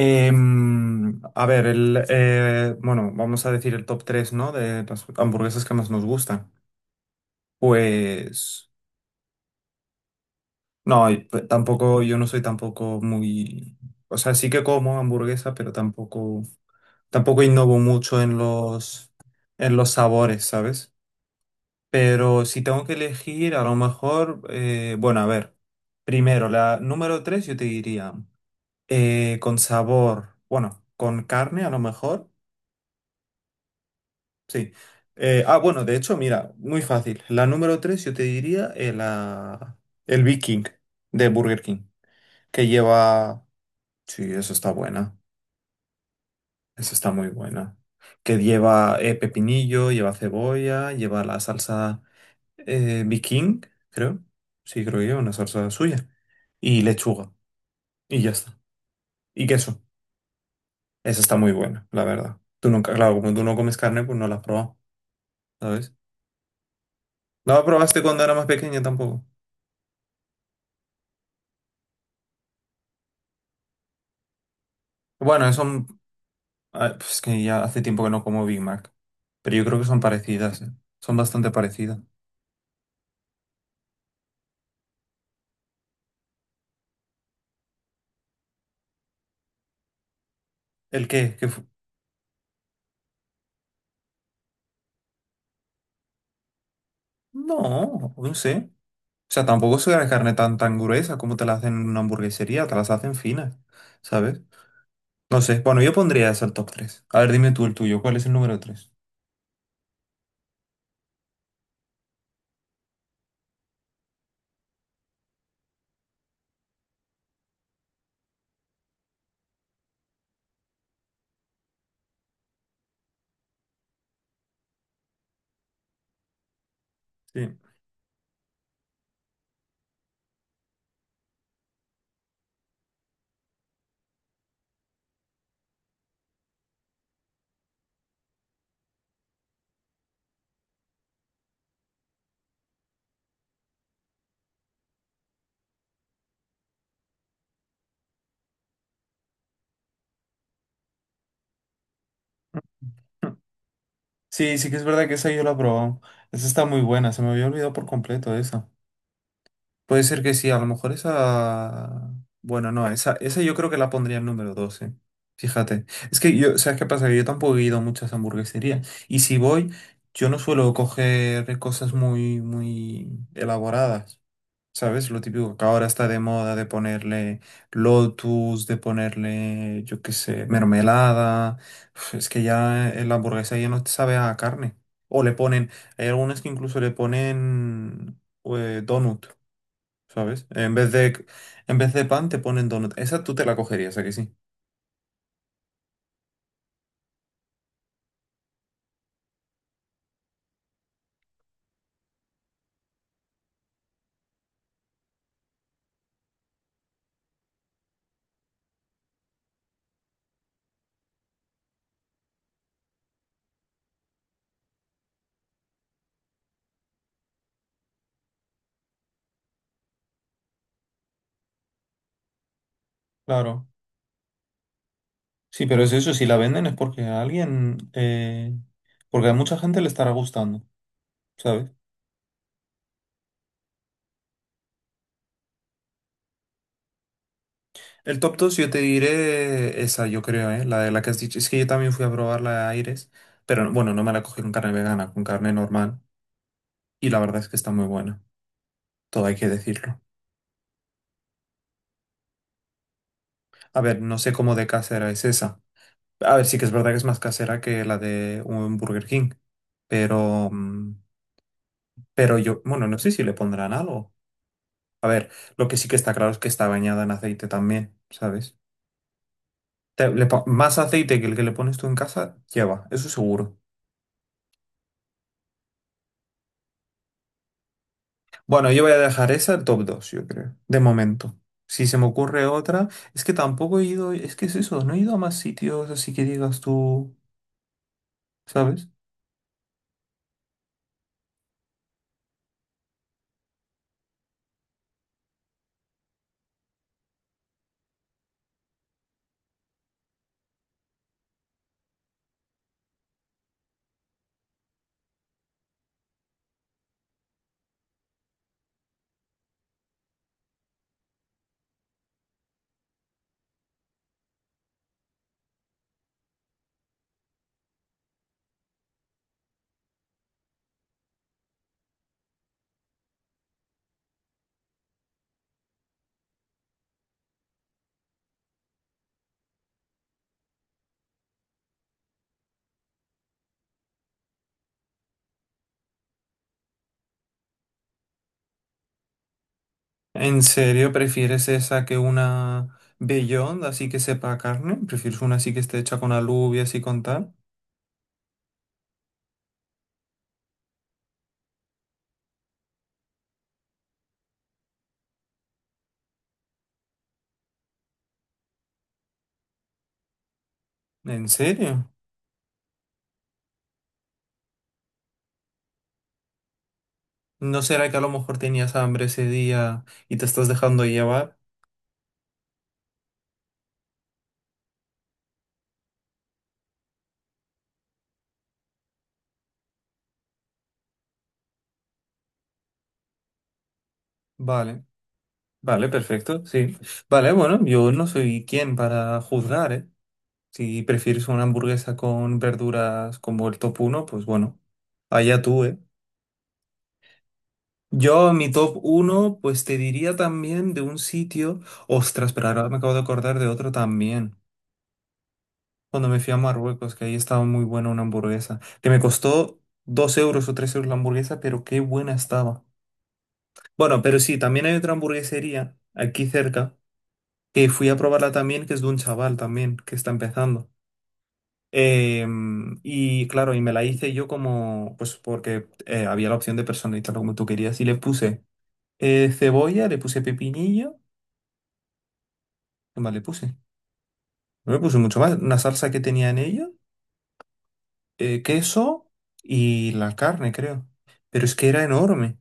A ver, bueno, vamos a decir el top 3, ¿no? De las hamburguesas que más nos gustan. Pues, no, y tampoco, yo no soy tampoco muy, o sea, sí que como hamburguesa, pero tampoco, tampoco innovo mucho en los sabores, ¿sabes? Pero si tengo que elegir, a lo mejor, bueno, a ver, primero, la número 3 yo te diría, con sabor, bueno, con carne a lo mejor. Sí. Ah, bueno, de hecho, mira, muy fácil. La número 3 yo te diría el Big King de Burger King, que lleva. Sí, eso está buena, eso está muy buena. Que lleva pepinillo, lleva cebolla, lleva la salsa Big King, creo. Sí, creo que lleva una salsa suya. Y lechuga, y ya está. Y queso. Esa está muy buena, la verdad. Tú nunca, claro, como tú no comes carne, pues no la has probado, ¿sabes? No la probaste cuando era más pequeña tampoco. Bueno, eso ah, pues es que ya hace tiempo que no como Big Mac. Pero yo creo que son parecidas, ¿eh? Son bastante parecidas. ¿El qué? ¿Qué fu-? No, no sé. O sea, tampoco soy la carne tan, tan gruesa como te la hacen en una hamburguesería, te las hacen finas, ¿sabes? No sé. Bueno, yo pondría eso al top 3. A ver, dime tú el tuyo. ¿Cuál es el número 3? Sí. Sí, sí que es verdad que esa yo la he probado. Esa está muy buena. Se me había olvidado por completo esa. Puede ser que sí, a lo mejor esa. Bueno, no, esa yo creo que la pondría en número 12. Fíjate. Es que yo, ¿sabes qué pasa? Que yo tampoco he ido a muchas hamburgueserías. Y si voy, yo no suelo coger cosas muy, muy elaboradas. ¿Sabes? Lo típico que ahora está de moda de ponerle lotus, de ponerle, yo qué sé, mermelada. Uf, es que ya en la hamburguesa ya no te sabe a carne. O le ponen, hay algunas que incluso le ponen donut. ¿Sabes? en vez de pan te ponen donut. Esa tú te la cogerías, ¿a que sí? Claro. Sí, pero es eso, si la venden es porque porque a mucha gente le estará gustando, ¿sabes? El top 2 yo te diré esa, yo creo, ¿eh? La de la que has dicho. Es que yo también fui a probar la de Aires, pero no, bueno, no me la cogí con carne vegana, con carne normal. Y la verdad es que está muy buena, todo hay que decirlo. A ver, no sé cómo de casera es esa. A ver, sí que es verdad que es más casera que la de un Burger King, pero pero yo, bueno, no sé si le pondrán algo. Lo que sí que está claro es que está bañada en aceite también, ¿sabes? Más aceite que el que le pones tú en casa, lleva, eso seguro. Bueno, yo voy a dejar esa el top 2 yo creo, de momento. Si se me ocurre otra, es que tampoco he ido, es que es eso, no he ido a más sitios, así que digas tú, ¿sabes? ¿En serio prefieres esa que una Beyond, así que sepa a carne? ¿Prefieres una así que esté hecha con alubia, así con tal? ¿En serio? ¿No será que a lo mejor tenías hambre ese día y te estás dejando llevar? Vale, vale, perfecto, sí. Vale, bueno, yo no soy quien para juzgar, ¿eh? Si prefieres una hamburguesa con verduras como el top 1, pues bueno, allá tú, ¿eh? Yo mi top 1 pues te diría también de un sitio, ostras, pero ahora me acabo de acordar de otro también, cuando me fui a Marruecos, que ahí estaba muy buena una hamburguesa, que me costó 2 euros o 3 euros la hamburguesa, pero qué buena estaba. Bueno, pero sí, también hay otra hamburguesería aquí cerca que fui a probarla también, que es de un chaval también que está empezando. Y claro, y me la hice yo como, pues porque había la opción de personalizarlo como tú querías. Y le puse cebolla, le puse pepinillo, ¿qué más le puse? No le puse mucho más, una salsa que tenía en ello, queso y la carne, creo. Pero es que era enorme.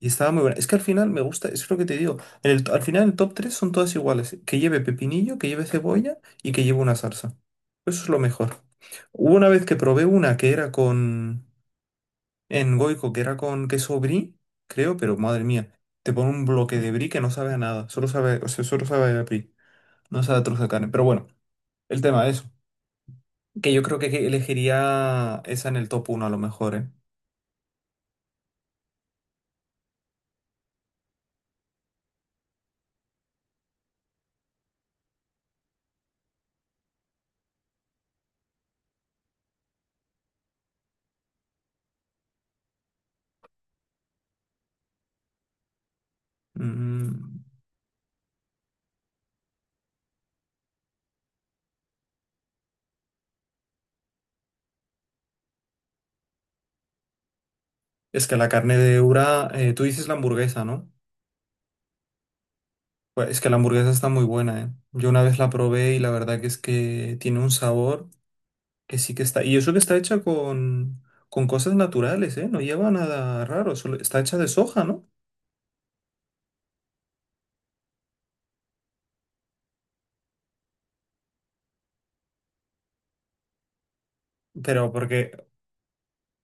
Y estaba muy buena. Es que al final me gusta, es lo que te digo. Al final el top 3 son todas iguales. Que lleve pepinillo, que lleve cebolla y que lleve una salsa. Eso es lo mejor. Hubo una vez que probé una que era en Goico, que era con queso brie, creo, pero madre mía. Te pone un bloque de brie que no sabe a nada. Solo sabe, o sea, solo sabe a brie. No sabe a trozo de carne. Pero bueno, el tema es que yo creo que elegiría esa en el top 1 a lo mejor, ¿eh? Mm, Es que la carne de Ura, tú dices la hamburguesa, ¿no? Pues es que la hamburguesa está muy buena, ¿eh? Yo una vez la probé y la verdad que es que tiene un sabor que sí que está. Y eso que está hecha con, cosas naturales, ¿eh? No lleva nada raro, solo está hecha de soja, ¿no? Pero porque,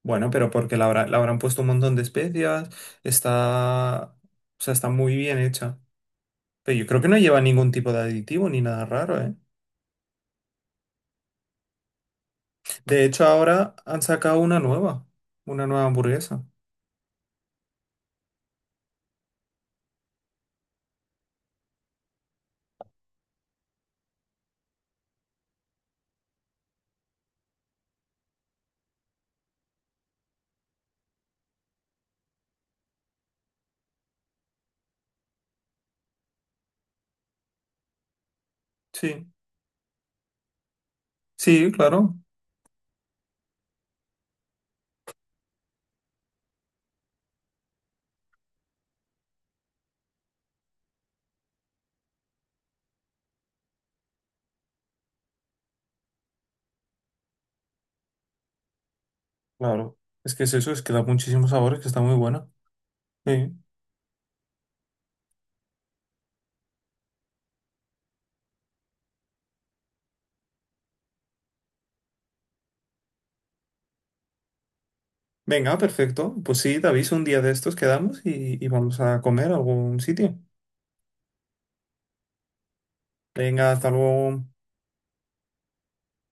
bueno, pero porque la habrán puesto un montón de especias, está, o sea, está muy bien hecha. Pero yo creo que no lleva ningún tipo de aditivo ni nada raro, ¿eh? De hecho, ahora han sacado una nueva hamburguesa. Sí, sí, claro. Claro, es que es eso, es que da muchísimos sabores, que está muy bueno. Sí. Venga, perfecto. Pues sí, David, un día de estos quedamos y vamos a comer a algún sitio. Venga, hasta luego.